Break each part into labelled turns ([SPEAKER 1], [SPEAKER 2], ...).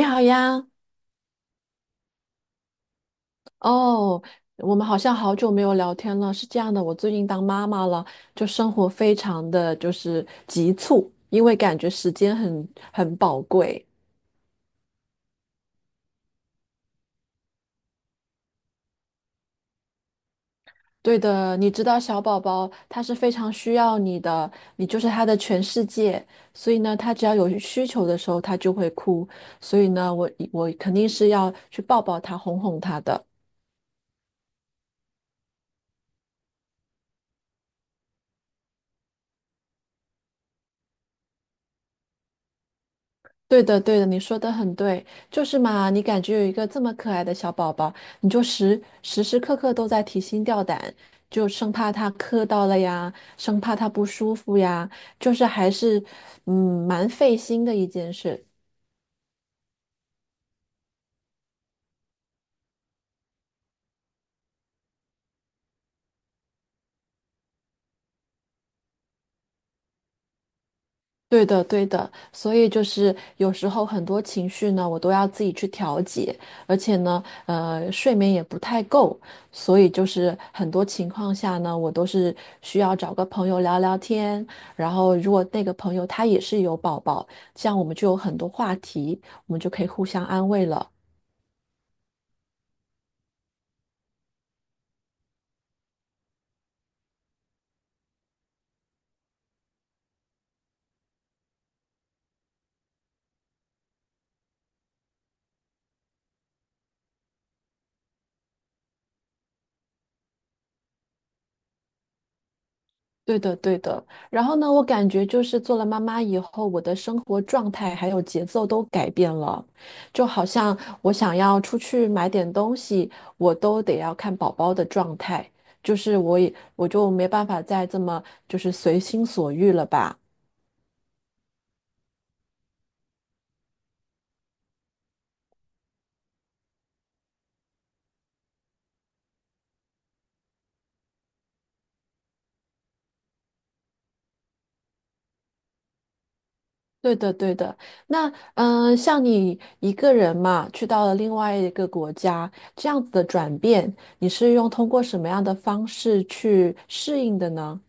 [SPEAKER 1] 你好呀，哦，我们好像好久没有聊天了。是这样的，我最近当妈妈了，就生活非常的就是急促，因为感觉时间很宝贵。对的，你知道小宝宝他是非常需要你的，你就是他的全世界。所以呢，他只要有需求的时候，他就会哭。所以呢，我肯定是要去抱抱他，哄哄他的。对的，对的，你说的很对，就是嘛，你感觉有一个这么可爱的小宝宝，你就时时刻刻都在提心吊胆，就生怕他磕到了呀，生怕他不舒服呀，就是还是蛮费心的一件事。对的，对的，所以就是有时候很多情绪呢，我都要自己去调节，而且呢，睡眠也不太够，所以就是很多情况下呢，我都是需要找个朋友聊聊天，然后如果那个朋友他也是有宝宝，这样我们就有很多话题，我们就可以互相安慰了。对的，对的。然后呢，我感觉就是做了妈妈以后，我的生活状态还有节奏都改变了，就好像我想要出去买点东西，我都得要看宝宝的状态，就是我就没办法再这么就是随心所欲了吧。对的，对的。那像你一个人嘛，去到了另外一个国家，这样子的转变，你是通过什么样的方式去适应的呢？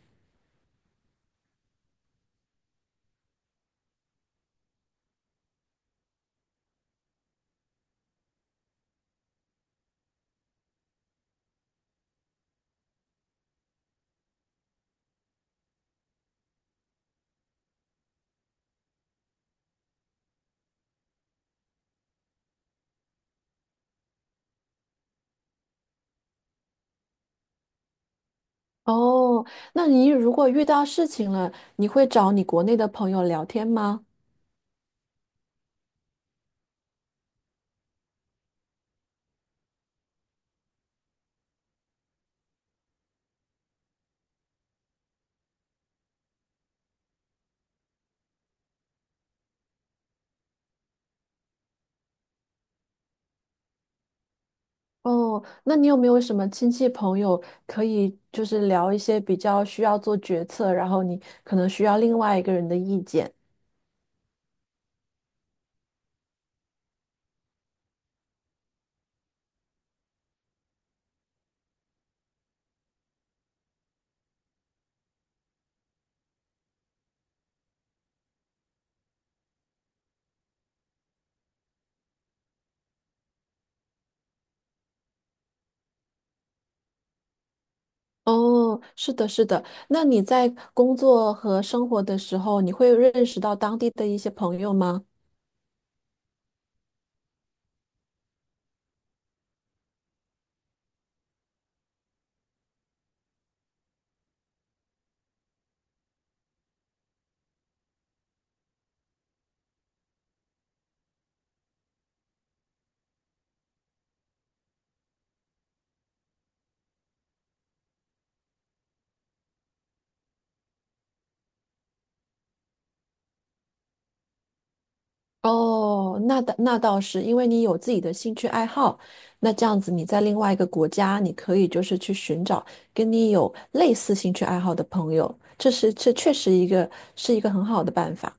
[SPEAKER 1] 哦，那你如果遇到事情了，你会找你国内的朋友聊天吗？哦，那你有没有什么亲戚朋友可以就是聊一些比较需要做决策，然后你可能需要另外一个人的意见？哦，是的，是的。那你在工作和生活的时候，你会认识到当地的一些朋友吗？哦，那倒是，因为你有自己的兴趣爱好，那这样子你在另外一个国家，你可以就是去寻找跟你有类似兴趣爱好的朋友，这确实是一个很好的办法。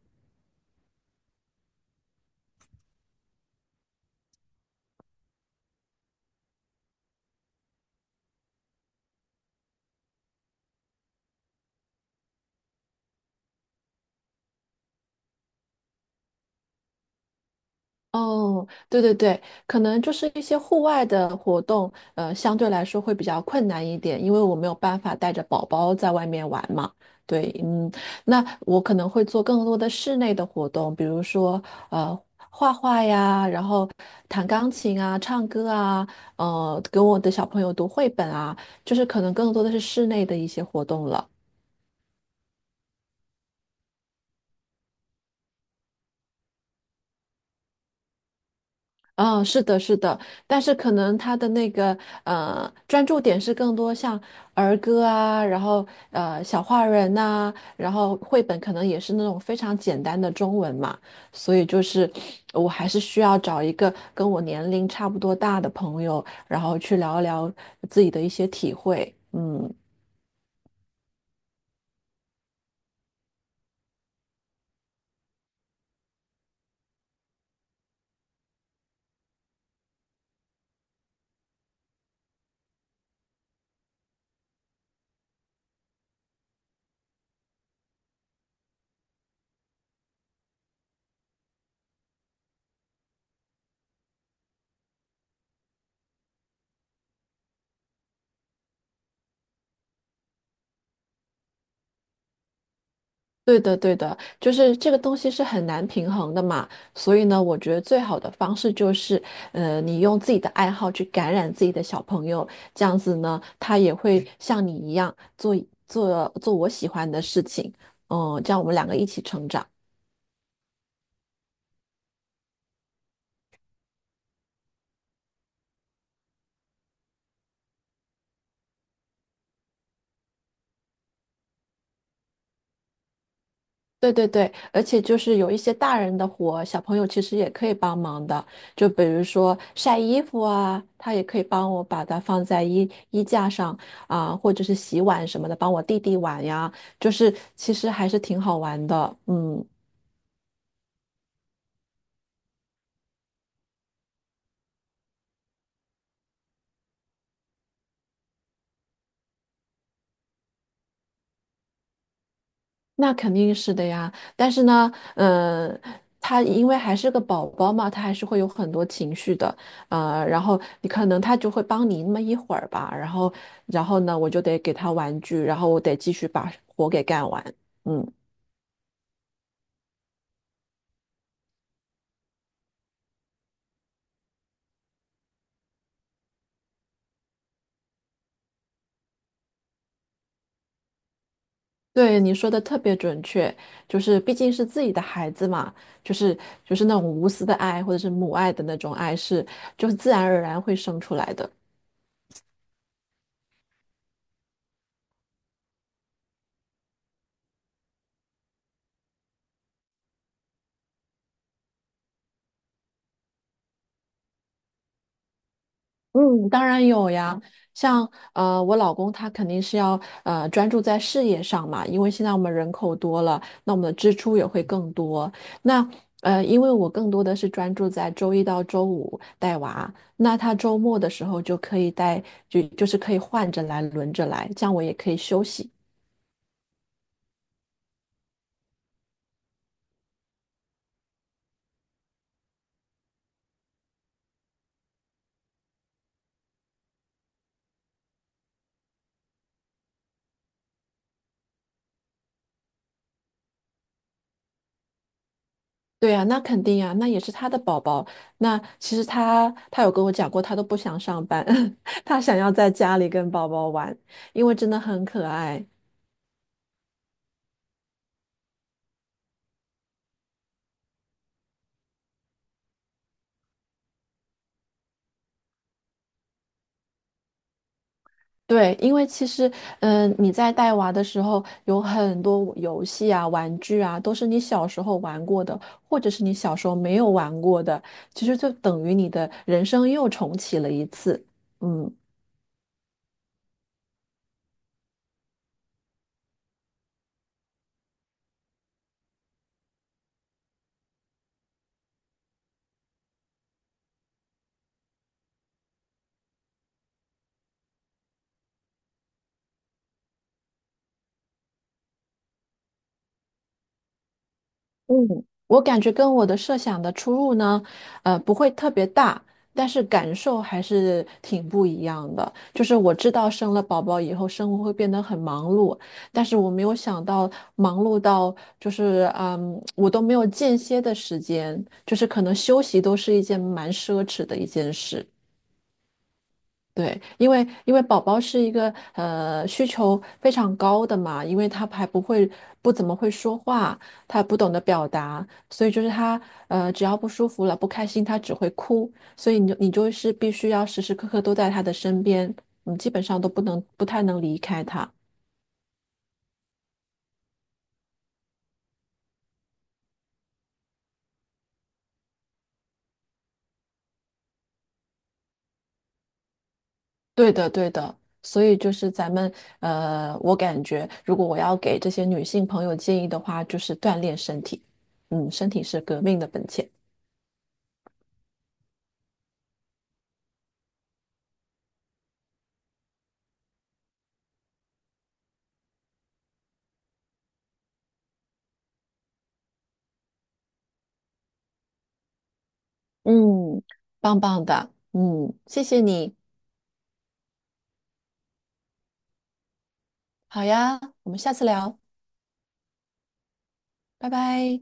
[SPEAKER 1] 哦，对对对，可能就是一些户外的活动，相对来说会比较困难一点，因为我没有办法带着宝宝在外面玩嘛。对，嗯，那我可能会做更多的室内的活动，比如说呃画画呀，然后弹钢琴啊、唱歌啊，给我的小朋友读绘本啊，就是可能更多的是室内的一些活动了。嗯，是的，是的，但是可能他的那个专注点是更多像儿歌啊，然后小画人呐、然后绘本可能也是那种非常简单的中文嘛，所以就是我还是需要找一个跟我年龄差不多大的朋友，然后去聊一聊自己的一些体会。嗯对的，对的，就是这个东西是很难平衡的嘛，所以呢，我觉得最好的方式就是，你用自己的爱好去感染自己的小朋友，这样子呢，他也会像你一样做我喜欢的事情，嗯，这样我们两个一起成长。对对对，而且就是有一些大人的活，小朋友其实也可以帮忙的。就比如说晒衣服啊，他也可以帮我把它放在衣架上啊，或者是洗碗什么的，帮我弟弟碗呀。就是其实还是挺好玩的，嗯。那肯定是的呀，但是呢，嗯、他因为还是个宝宝嘛，他还是会有很多情绪的，然后你可能他就会帮你那么一会儿吧，然后呢，我就得给他玩具，然后我得继续把活给干完。嗯，对，你说的特别准确，就是毕竟是自己的孩子嘛，就是就是那种无私的爱或者是母爱的那种爱是，就是自然而然会生出来的。嗯，当然有呀，像我老公他肯定是要专注在事业上嘛，因为现在我们人口多了，那我们的支出也会更多。那因为我更多的是专注在周一到周五带娃，那他周末的时候就可以带，就是可以换着来，轮着来，这样我也可以休息。对呀，那肯定呀，那也是他的宝宝。那其实他有跟我讲过，他都不想上班，他想要在家里跟宝宝玩，因为真的很可爱。对，因为其实，你在带娃的时候，有很多游戏啊、玩具啊，都是你小时候玩过的，或者是你小时候没有玩过的，其实就等于你的人生又重启了一次。嗯。嗯，我感觉跟我的设想的出入呢，不会特别大，但是感受还是挺不一样的。就是我知道生了宝宝以后，生活会变得很忙碌，但是我没有想到忙碌到就是，我都没有间歇的时间，就是可能休息都是一件蛮奢侈的一件事。对，因为宝宝是一个需求非常高的嘛，因为他还不怎么会说话，他不懂得表达，所以就是他只要不舒服了不开心，他只会哭，所以你就是必须要时时刻刻都在他的身边，嗯，基本上都不太能离开他。对的，对的，所以就是我感觉如果我要给这些女性朋友建议的话，就是锻炼身体，嗯，身体是革命的本钱。嗯，棒棒的，嗯，谢谢你，好呀，我们下次聊，拜拜。